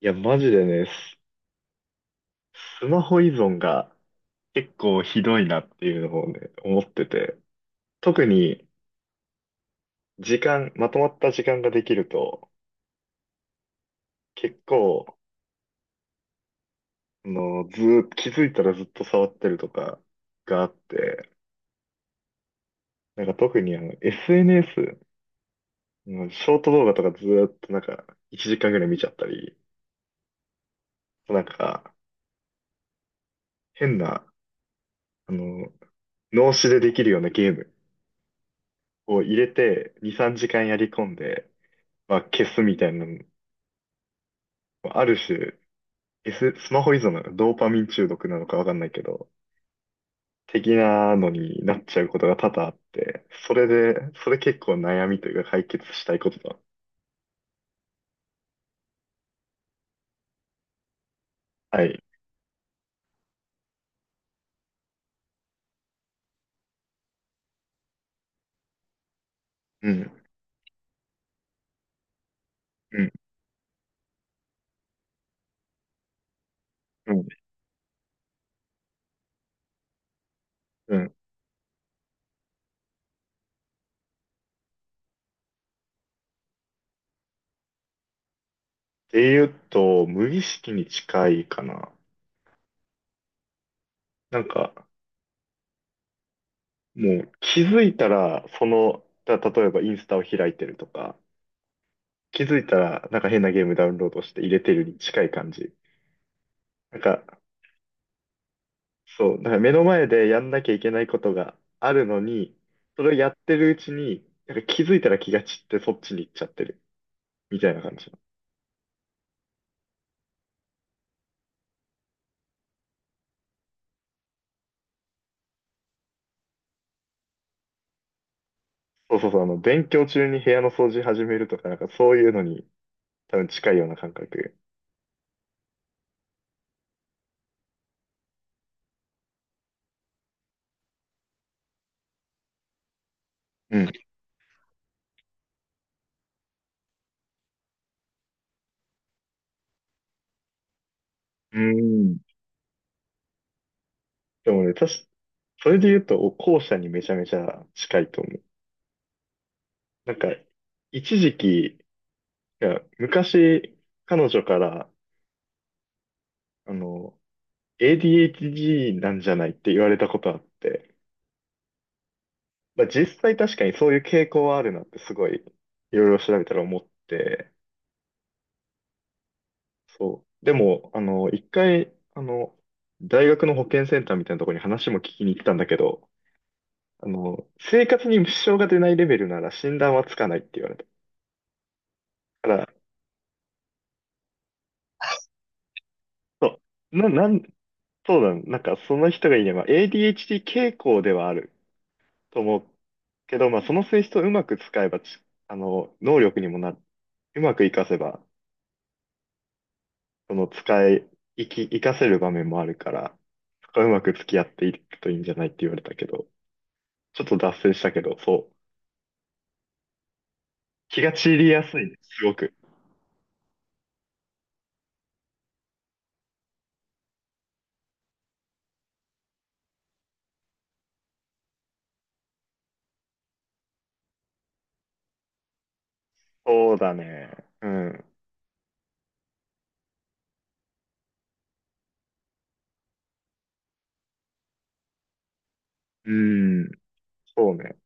いや、マジでね、スマホ依存が結構ひどいなっていうのをね、思ってて、特に時間、まとまった時間ができると、結構、ずーっと、気づいたらずっと触ってるとかがあって、なんか特にSNS のショート動画とかずーっと1時間ぐらい見ちゃったり、なんか、変な、あの、脳死でできるようなゲームを入れて、2、3時間やり込んで、まあ、消すみたいな、ある種、スマホ依存なのか、ドーパミン中毒なのかわかんないけど、的なのになっちゃうことが多々あって、それで、それ結構悩みというか解決したいことだ。はい。うん。うん。うん。うん。っていうと、無意識に近いかな。なんか、もう気づいたら、例えばインスタを開いてるとか、気づいたら、なんか変なゲームダウンロードして入れてるに近い感じ。なんか、そう、だから目の前でやんなきゃいけないことがあるのに、それをやってるうちに、なんか気づいたら気が散ってそっちに行っちゃってる、みたいな感じ。そうそうそう、勉強中に部屋の掃除始めるとか、なんかそういうのに多分近いような感覚。うん。うん。でもね、確かそれで言うと、後者にめちゃめちゃ近いと思う。なんか、一時期、いや、昔、彼女から、あの、ADHD なんじゃないって言われたことあって、まあ、実際確かにそういう傾向はあるなってすごいいろいろ調べたら思って、そう。でも、一回、大学の保健センターみたいなところに話も聞きに行ったんだけど、生活に支障が出ないレベルなら診断はつかないって言われた。だから、そう、な、なん、そうだ、なんかその人が言えば ADHD 傾向ではあると思うけど、まあその性質をうまく使えばち、あの、能力にもうまく活かせばその使い、生き、活かせる場面もあるから、そこはうまく付き合っていくといいんじゃないって言われたけど、ちょっと脱線したけど、そう。気が散りやすいね、すごく。そうだね。うん。うん。そうね。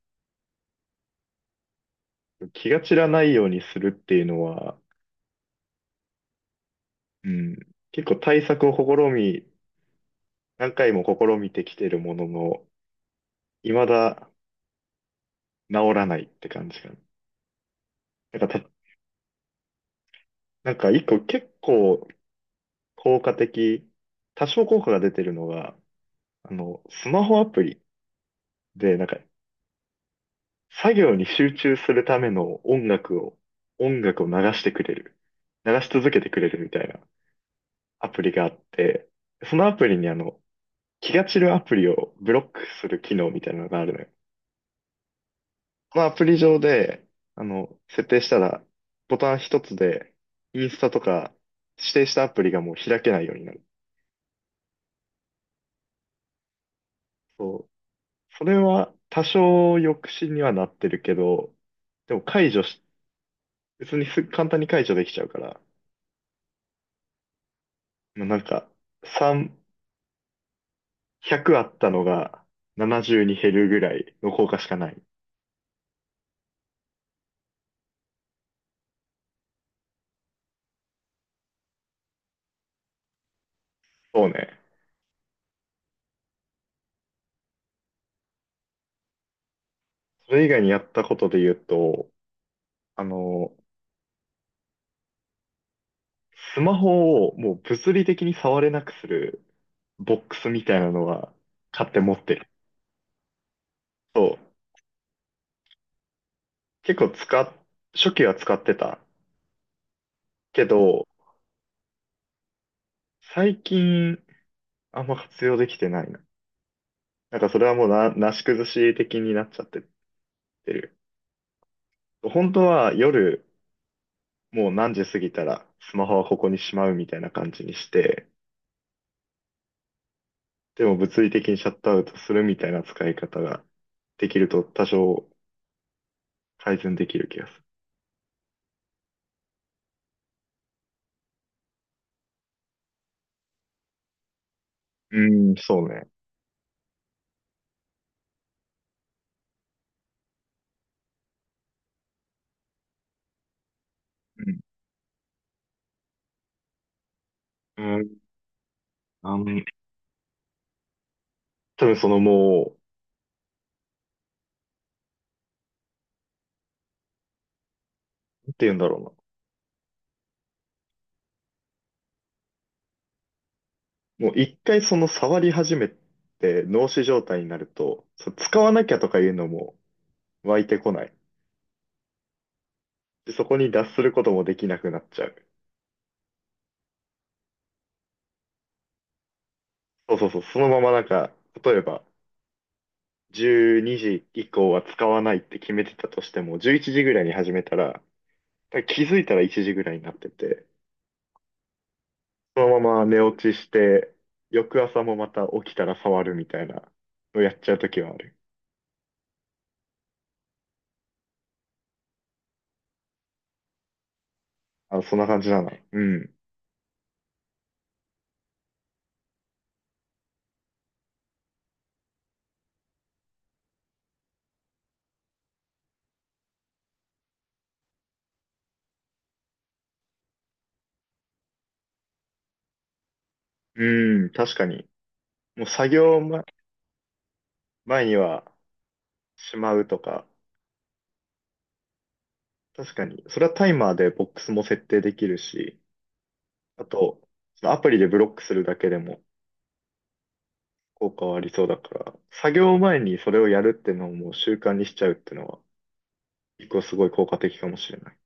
気が散らないようにするっていうのは、うん。結構対策を何回も試みてきてるものの、未だ治らないって感じかな。なんかた、なんか一個結構効果的、多少効果が出てるのが、スマホアプリで、なんか、作業に集中するための音楽を流してくれる。流し続けてくれるみたいなアプリがあって、そのアプリに気が散るアプリをブロックする機能みたいなのがあるのよ。このアプリ上で、設定したら、ボタン一つで、インスタとか、指定したアプリがもう開けないようになる。そう。それは多少抑止にはなってるけど、でも解除し別に簡単に解除できちゃうから、まあ、なんか、3、100あったのが70に減るぐらいの効果しかない。そうね。それ以外にやったことで言うと、あの、スマホをもう物理的に触れなくするボックスみたいなのは買って持ってる。そう。結構使っ、初期は使ってたけど、最近あんま活用できてないな。なんかそれはもうなし崩し的になっちゃってってる。本当は夜、もう何時過ぎたらスマホはここにしまうみたいな感じにして、でも物理的にシャットアウトするみたいな使い方ができると多少改善できる気がする。うーん、そうね。うん。うん。あの、多分そのもう、なんて言うんだろうな。もう一回触り始めて脳死状態になると、そう使わなきゃとかいうのも湧いてこない。で、そこに脱することもできなくなっちゃう。そうそうそう。そのまま例えば12時以降は使わないって決めてたとしても、11時ぐらいに始めたら、気づいたら1時ぐらいになってて、そのまま寝落ちして、翌朝もまた起きたら触るみたいなのをやっちゃうときはある。あ、そんな感じだなの。うん。うん、確かに。もう作業前にはしまうとか、確かに。それはタイマーでボックスも設定できるし、あと、そのアプリでブロックするだけでも、効果はありそうだから、作業前にそれをやるってのをもう習慣にしちゃうってのは、一個すごい効果的かもしれない。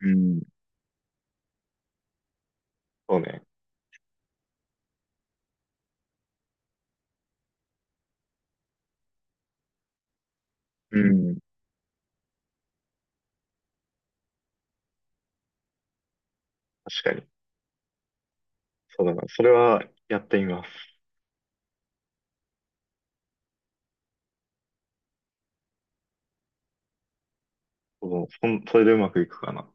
うん。そうね。うん。確かに。そうだな。それはやってみます。それでうまくいくかな。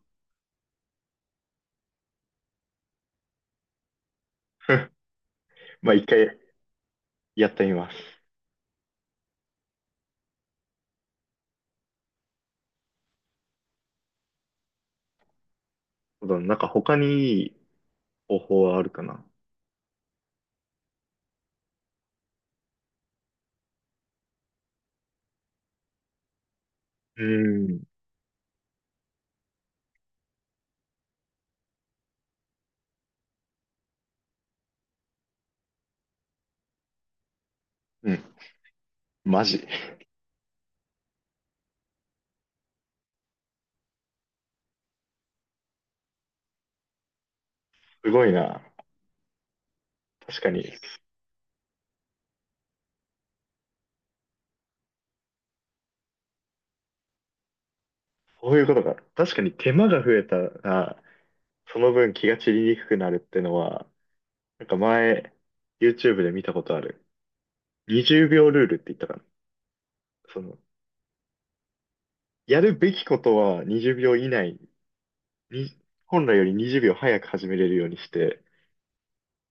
まあ一回やってみます。そうだな。なんか他にいい方法はあるかな。うん。うん。マジ。すごいな。確かに。そういうことか。確かに手間が増えたら、その分気が散りにくくなるってのは、なんか前、YouTube で見たことある。20秒ルールって言ったかな。その、やるべきことは20秒以内に、本来より20秒早く始めれるようにして、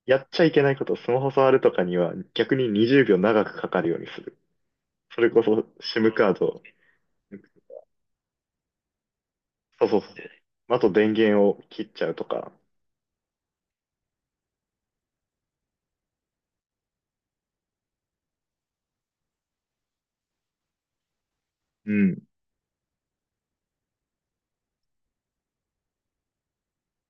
やっちゃいけないこと、スマホ触るとかには逆に20秒長くかかるようにする。それこそ SIM カード、そうそうそう。あと電源を切っちゃうとか。うん。